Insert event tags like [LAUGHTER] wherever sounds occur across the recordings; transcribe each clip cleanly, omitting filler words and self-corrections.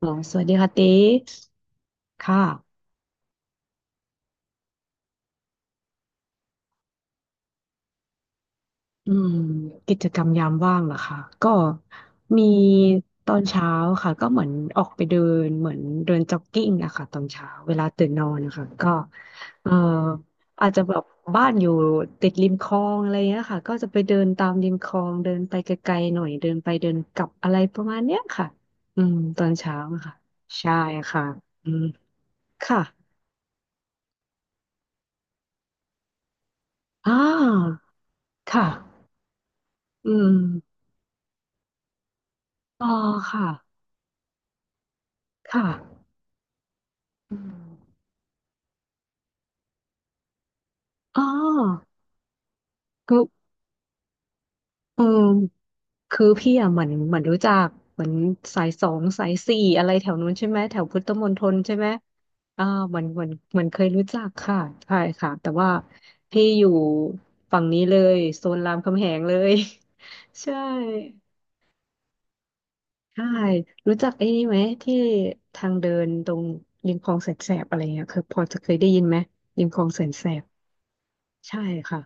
อ๋อสวัสดีค่ะติ๊กค่ะอืมกิจกรรมยามว่างเหรอคะก็มีตอนเช้าค่ะก็เหมือนออกไปเดินเหมือนเดินจ็อกกิ้งอะค่ะตอนเช้าเวลาตื่นนอนนะคะก็เอ่ออาจจะแบบบ้านอยู่ติดริมคลองอะไรเงี้ยค่ะก็จะไปเดินตามริมคลองเดินไปไกลๆหน่อยเดินไปเดินกลับอะไรประมาณเนี้ยค่ะอืมตอนเช้าอะค่ะ ใช่ค่ะอืมค่ะอ่าค่ะอืมอ๋อค่ะ ค่ะอืมอ๋อก็เออคือพี่อ่ะเหมือนรู้จักเหมือนสายสองสายสี่อะไรแถวนู้นใช่ไหมแถวพุทธมณฑลใช่ไหมอ่าเหมือนเคยรู้จักค่ะใช่ค่ะ แต่ว่าพี่อยู่ฝั่งนี้เลยโซนรามคำแหงเลย [LAUGHS] ใช่ใช่รู้จักไอ้นี่ไหมที่ทางเดินตรงริมคลองแสนแสบอะไรเงี้ยเคยพอจะเคยได้ยินไหมริมคลองแสนแสบ ใช่ค่ะ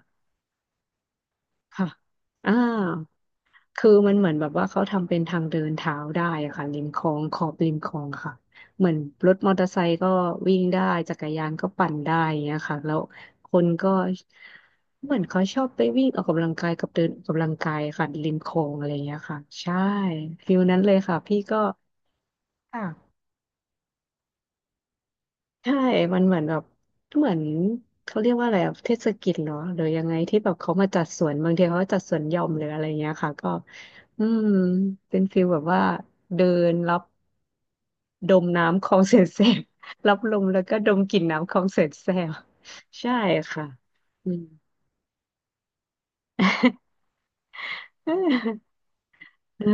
ค่ะอ่า คือมันเหมือนแบบว่าเขาทำเป็นทางเดินเท้าได้อะค่ะริมคลองขอบริมคลองค่ะเหมือนรถมอเตอร์ไซค์ก็วิ่งได้จักรยานก็ปั่นได้อย่างเงี้ยค่ะแล้วคนก็เหมือนเขาชอบไปวิ่งออกกำลังกายกับเดินออกกำลังกายค่ะริมคลองอะไรอย่างเงี้ยค่ะใช่ฟิลนั้นเลยค่ะพี่ก็ค่ะ ใช่ มันเหมือนแบบเหมือนเขาเรียกว่าอะไรอะเทศกิจเหรอหรือยังไงที่แบบเขามาจัดสวน บางทีเขาก็จัดสวนหย่อมหรืออะไรเงี้ยค่ะ ก็อืมเป็นฟีลแบบว่าเดินรับดมน้ำคลองแสนแสบ [LAUGHS] รับลมแล้วก็ดมกลิ่นน้ำคลองแสนแสบใช่ค่ะอืม [LAUGHS] เออ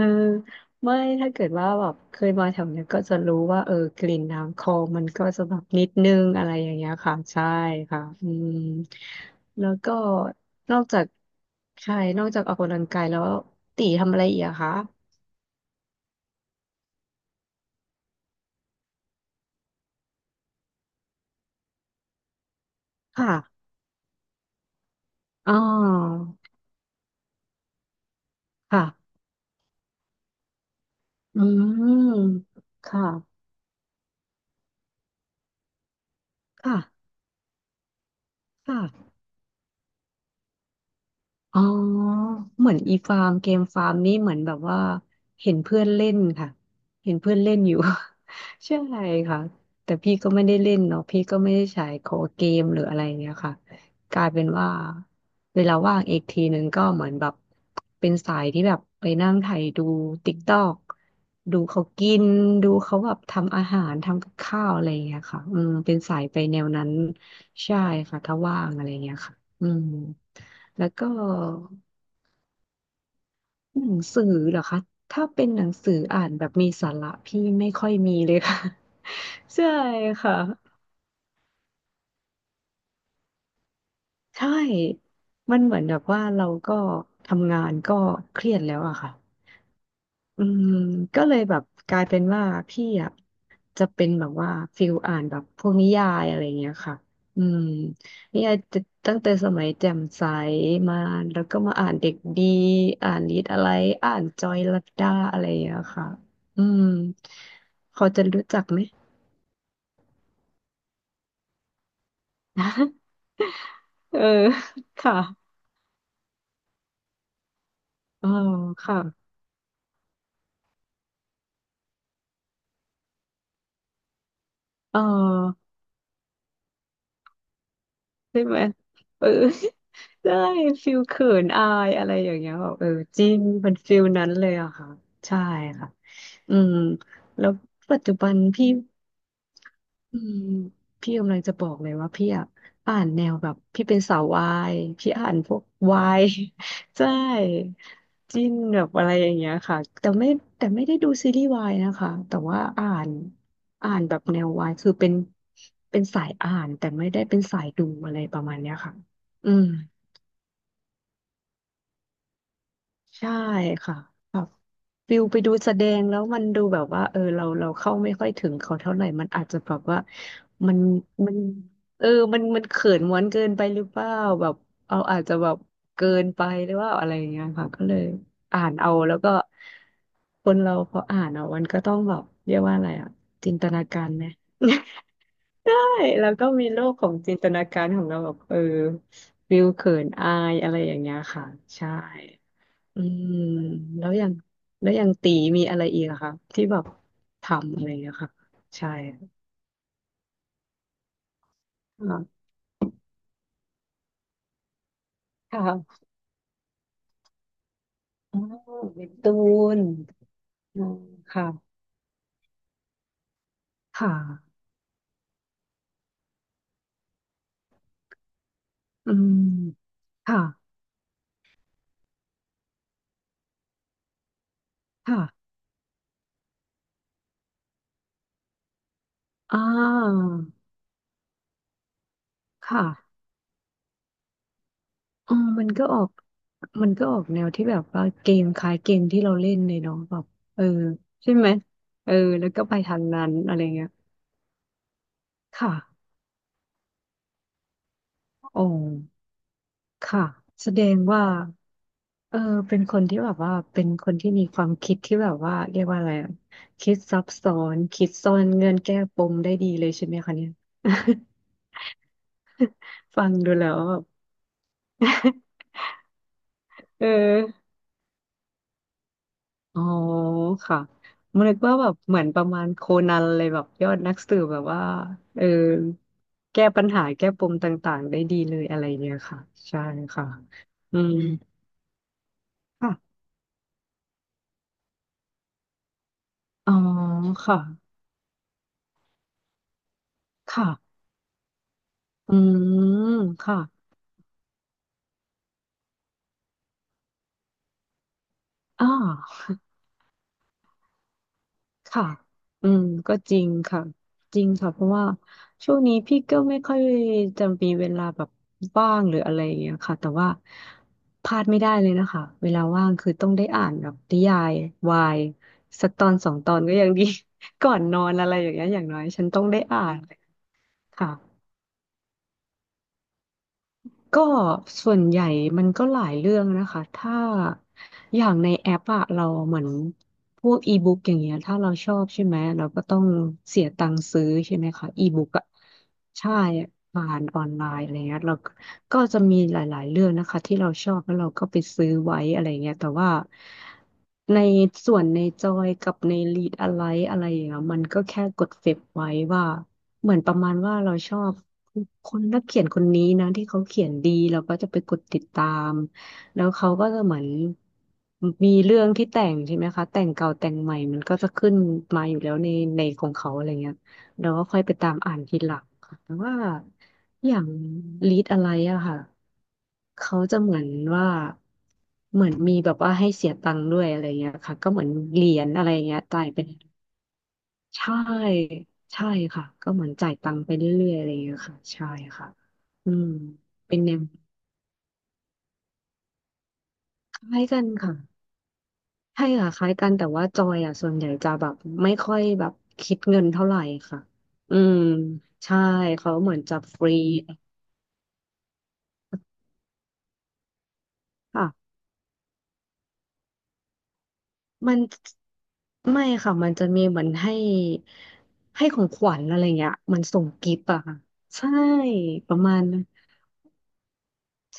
ไม่ถ้าเกิดว่าแบบเคยมาแถวเนี้ยก็จะรู้ว่าเออกลิ่นน้ำคลองมันก็จะแบบนิดนึงอะไรอย่างเงี้ยค่ะใช่ค่ะอืมแล้วก็นอกจากใช่นอกจากออกกำลังกายแล้วตีทำอะไรอีกอะคะค่ะอ๋อค่ะอืมค่ะค่ะค่ะ อ๋อเหมือนอีฟาร์มเกมฟาร์มนี่เหมือนแบบว่าเห็นเพื่อนเล่นค่ะเห็นเพื่อนเล่นอยู่ [LAUGHS] ใช่ค่ะแต่พี่ก็ไม่ได้เล่นเนาะพี่ก็ไม่ได้ใช้โคดเกมหรืออะไรเนี้ยค่ะกลายเป็นว่าเวลาว่างอีกทีนึงก็เหมือนแบบเป็นสายที่แบบไปนั่งไถดูติ๊กตอกดูเขากินดูเขาแบบทำอาหารทำกับข้าวอะไรอเงี้ยค่ะอืมเป็นสายไปแนวนั้นใช่ค่ะถ้าว่างอะไรเงี้ยค่ะอืม แล้วก็หนังสือเหรอคะถ้าเป็นหนังสืออ่านแบบมีสาระพี่ไม่ค่อยมีเลยค่ะ [LAUGHS] ใช่ค่ะใช่มันเหมือนแบบว่าเราก็ทำงานก็เครียดแล้วอะค่ะ อืมก็เลยแบบกลายเป็นว่าพี่อ่ะจะเป็นแบบว่าฟิลอ่านแบบพวกนิยายอะไรเงี้ยค่ะอืมนิยายตั้งแต่สมัยแจ่มใสมาแล้วก็มาอ่านเด็กดีอ่านนิดอะไรอ่านจอยลัดดาอะไรอย่างเงี้ยค่ะอืมเขาจะรู้จักไหม [LAUGHS] เออค่ะอ๋อค่ะเออ ใช่ไหมเออ [LAUGHS] ได้ฟิลเขินอายอะไรอย่างเงี้ยแบบเออจริงเป็นฟิลนั้นเลยอะค่ะใช่ค่ะอืมแล้วปัจจุบันพี่ อืมพี่กำลังจะบอกเลยว่าพี่อ่ะอ่านแนวแบบพี่เป็นสาววายพี่อ่านพวกวาย [LAUGHS] ใช่จิ้นแบบอะไรอย่างเงี้ยค่ะแต่ไม่ได้ดูซีรีส์วายนะคะแต่ว่าอ่านอ่านแบบแนววายคือเป็นสายอ่านแต่ไม่ได้เป็นสายดูอะไรประมาณเนี้ยค่ะอืม ใช่ค่ะแบบฟิลไปดูแสดงแล้วมันดูแบบว่าเออเราเข้าไม่ค่อยถึงเขาเท่าไหร่มันอาจจะแบบว่ามันมันเออมันเขินม้วนเกินไปหรือเปล่าแบบเอาอาจจะแบบเกินไปหรือว่าอะไรอย่างเงี้ยค่ะก็เลยอ่านเอาแล้วก็คนเราพออ่านเอามันก็ต้องแบบเรียกว่าอะไรอ่ะจินตนาการไหม [LAUGHS] ใช่แล้วก็มีโลกของจินตนาการของเราแบบเออฟิลเขินอายอะไรอย่างเงี้ยค่ะใช่ อืมแล้วอย่างแล้วอย่างตีมีอะไรอีกอะคะที่แบบทำอะไรอย่างเงี้ยค่ะใช่อ่าค่ะอ๋อเป็นตูนอืมค่ะค่ะอืมค่ะค่ะอ่าค่ะอืมมันก็ออกแนวที่แบบว่าเกมคล้ายเกมที่เราเล่นเลยเนาะแบบเออใช่ไหมเออแล้วก็ไปทางนั้นอะไรเงี้ยค่ะอ๋อค่ะแสดงว่า เออเป็นคนที่แบบว่าเป็นคนที่มีความคิดที่แบบว่าเรียกว่าอะไรอะคิดซับซ้อนคิดซ่อนเงื่อนแก้ปมได้ดีเลยใช่ไหมคะเนี่ย [LAUGHS] ฟังดูแล้วแบบ [LAUGHS] เอออ๋อค่ะมันนึกว่าแบบเหมือนประมาณโคนันเลยแบบยอดนักสืบแบบว่าเออแก้ปัญหาแก้ปมต่างๆได้ดีเลยอะไรเนี่ยค่ะใช่ค่ะอืมค่ะอ๋อค่ะค่ะอืมค่ะอ่า ค่ะอืมก็จริงค่ะจริงค่ะเพราะว่าช่วงนี้พี่ก็ไม่ค่อยจะมีเวลาแบบว่างหรืออะไรอย่างเงี้ยค่ะแต่ว่าพลาดไม่ได้เลยนะคะเวลาว่างคือต้องได้อ่านแบบนิยายวายสักตอนสองตอนก็ยังดี [LAUGHS] ก่อนนอนอะไรอย่างเงี้ยอย่างน้อยฉันต้องได้อ่านค่ะ ก็ส่วนใหญ่มันก็หลายเรื่องนะคะถ้าอย่างในแอปอะเราเหมือนพวกอีบุ๊กอย่างเงี้ยถ้าเราชอบใช่ไหมเราก็ต้องเสียตังค์ซื้อใช่ไหมคะอีบุ๊กอะใช่ผ่านออนไลน์อะไรเงี้ยเราก็จะมีหลายๆเรื่องนะคะที่เราชอบแล้วเราก็ไปซื้อไว้อะไรเงี้ยแต่ว่าในส่วนในจอยกับในลีดอะไรอะไรอย่างเงี้ยมันก็แค่กดเฟซไว้ว่าเหมือนประมาณว่าเราชอบ คนนักเขียนคนนี้นะที่เขาเขียนดีเราก็จะไปกดติดตามแล้วเขาก็จะเหมือนมีเรื่องที่แต่งใช่ไหมคะแต่งเก่าแต่งใหม่มันก็จะขึ้นมาอยู่แล้วในของเขาอะไรเงี้ยเราก็ค่อยไปตามอ่านทีหลังค่ะแต่ว่าอย่างลีดอะไรอะค่ะเขาจะเหมือนว่าเหมือนมีแบบว่าให้เสียตังค์ด้วยอะไรเงี้ยค่ะก็เหมือนเหรียญอะไรเงี้ยจ่ายเป็น ใช่ใช่ค่ะก็เหมือนจ่ายตังค์ไปเรื่อยๆอะไรอย่างเงี้ยค่ะใช่ค่ะอืมเป็นแนวคล้ายกันค่ะใช่ค่ะคล้ายกันแต่ว่าจอยอ่ะส่วนใหญ่จะแบบไม่ค่อยแบบคิดเงินเท่าไหร่ค่ะอืมใช่เขาเหมือนจะฟรีค่ะมันไม่ค่ะมันจะมีเหมือนให้ของขวัญอะไรเงี้ยมันส่งกิฟต์อะค่ะใช่ประมาณนั้น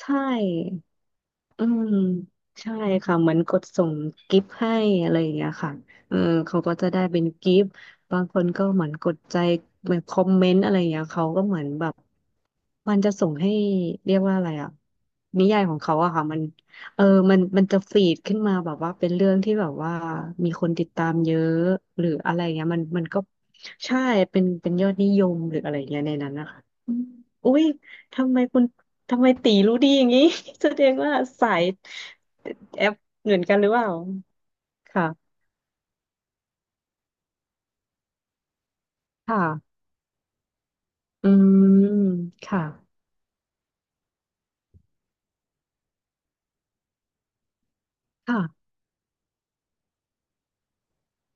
ใช่ อืมใช่ค่ะเหมือนกดส่งกิฟต์ให้อะไรอย่างเงี้ยค่ะเออเขาก็จะได้เป็นกิฟต์บางคนก็เหมือนกดใจเหมือนคอมเมนต์อะไรอย่างเงี้ยเขาก็เหมือนแบบจะส่งให้เรียกว่าอะไรอะนิยายของเขาอะค่ะมันเออมันจะฟีดขึ้นมาแบบว่าเป็นเรื่องที่แบบว่ามีคนติดตามเยอะหรืออะไรเงี้ยมันก็ใช่เป็นยอดนิยมหรืออะไรเงี้ยในนั้นนะคะอืมอุ้ยทำไมคุณ ทำไมตีรู้ดีอย่างนี้ [LAUGHS] แสดงว่าสายแอปเหมือนกันหรือเปล่า ค่ะ ค่ะ อืม ค่ะค่ะ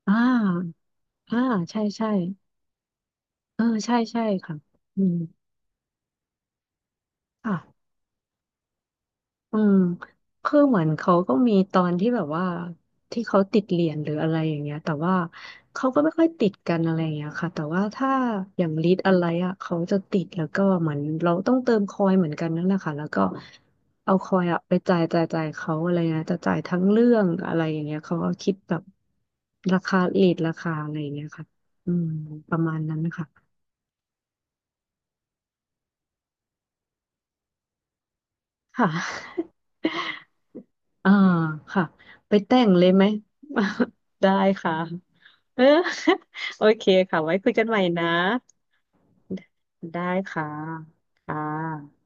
อ่าอ่าใช่ใช่ เออ ใช่ใช่ค่ะ อืมค่ะ อืมคือเหมือนเขาก็มีตอนที่แบบว่าที่เขาติดเหรียญหรืออะไรอย่างเงี้ยแต่ว่าเขาก็ไม่ค่อยติดกันอะไรอย่างเงี้ยค่ะแต่ว่าถ้าอย่างลิตรอะไรอ่ะเขาจะติดแล้วก็เหมือนเราต้องเติมคอยเหมือนกันนั่นแหละค่ะแล้วก็เอาคอยอ่ะไปจ่ายเขาอะไรเงี้ยจะจ่ายทั้งเรื่องอะไรอย่างเงี้ยเขาก็คิดแบบราคาลิตรราคาอะไรอย่างเงี้ยค่ะอืมประมาณนั้นนะคะค่ะอ่าค่ะไปแต่งเลยไหม [LAUGHS] ได้ค่ะ เออ [LAUGHS] โอเคค่ะไว้คุยกันใหม่นะได้ค่ะค่ะ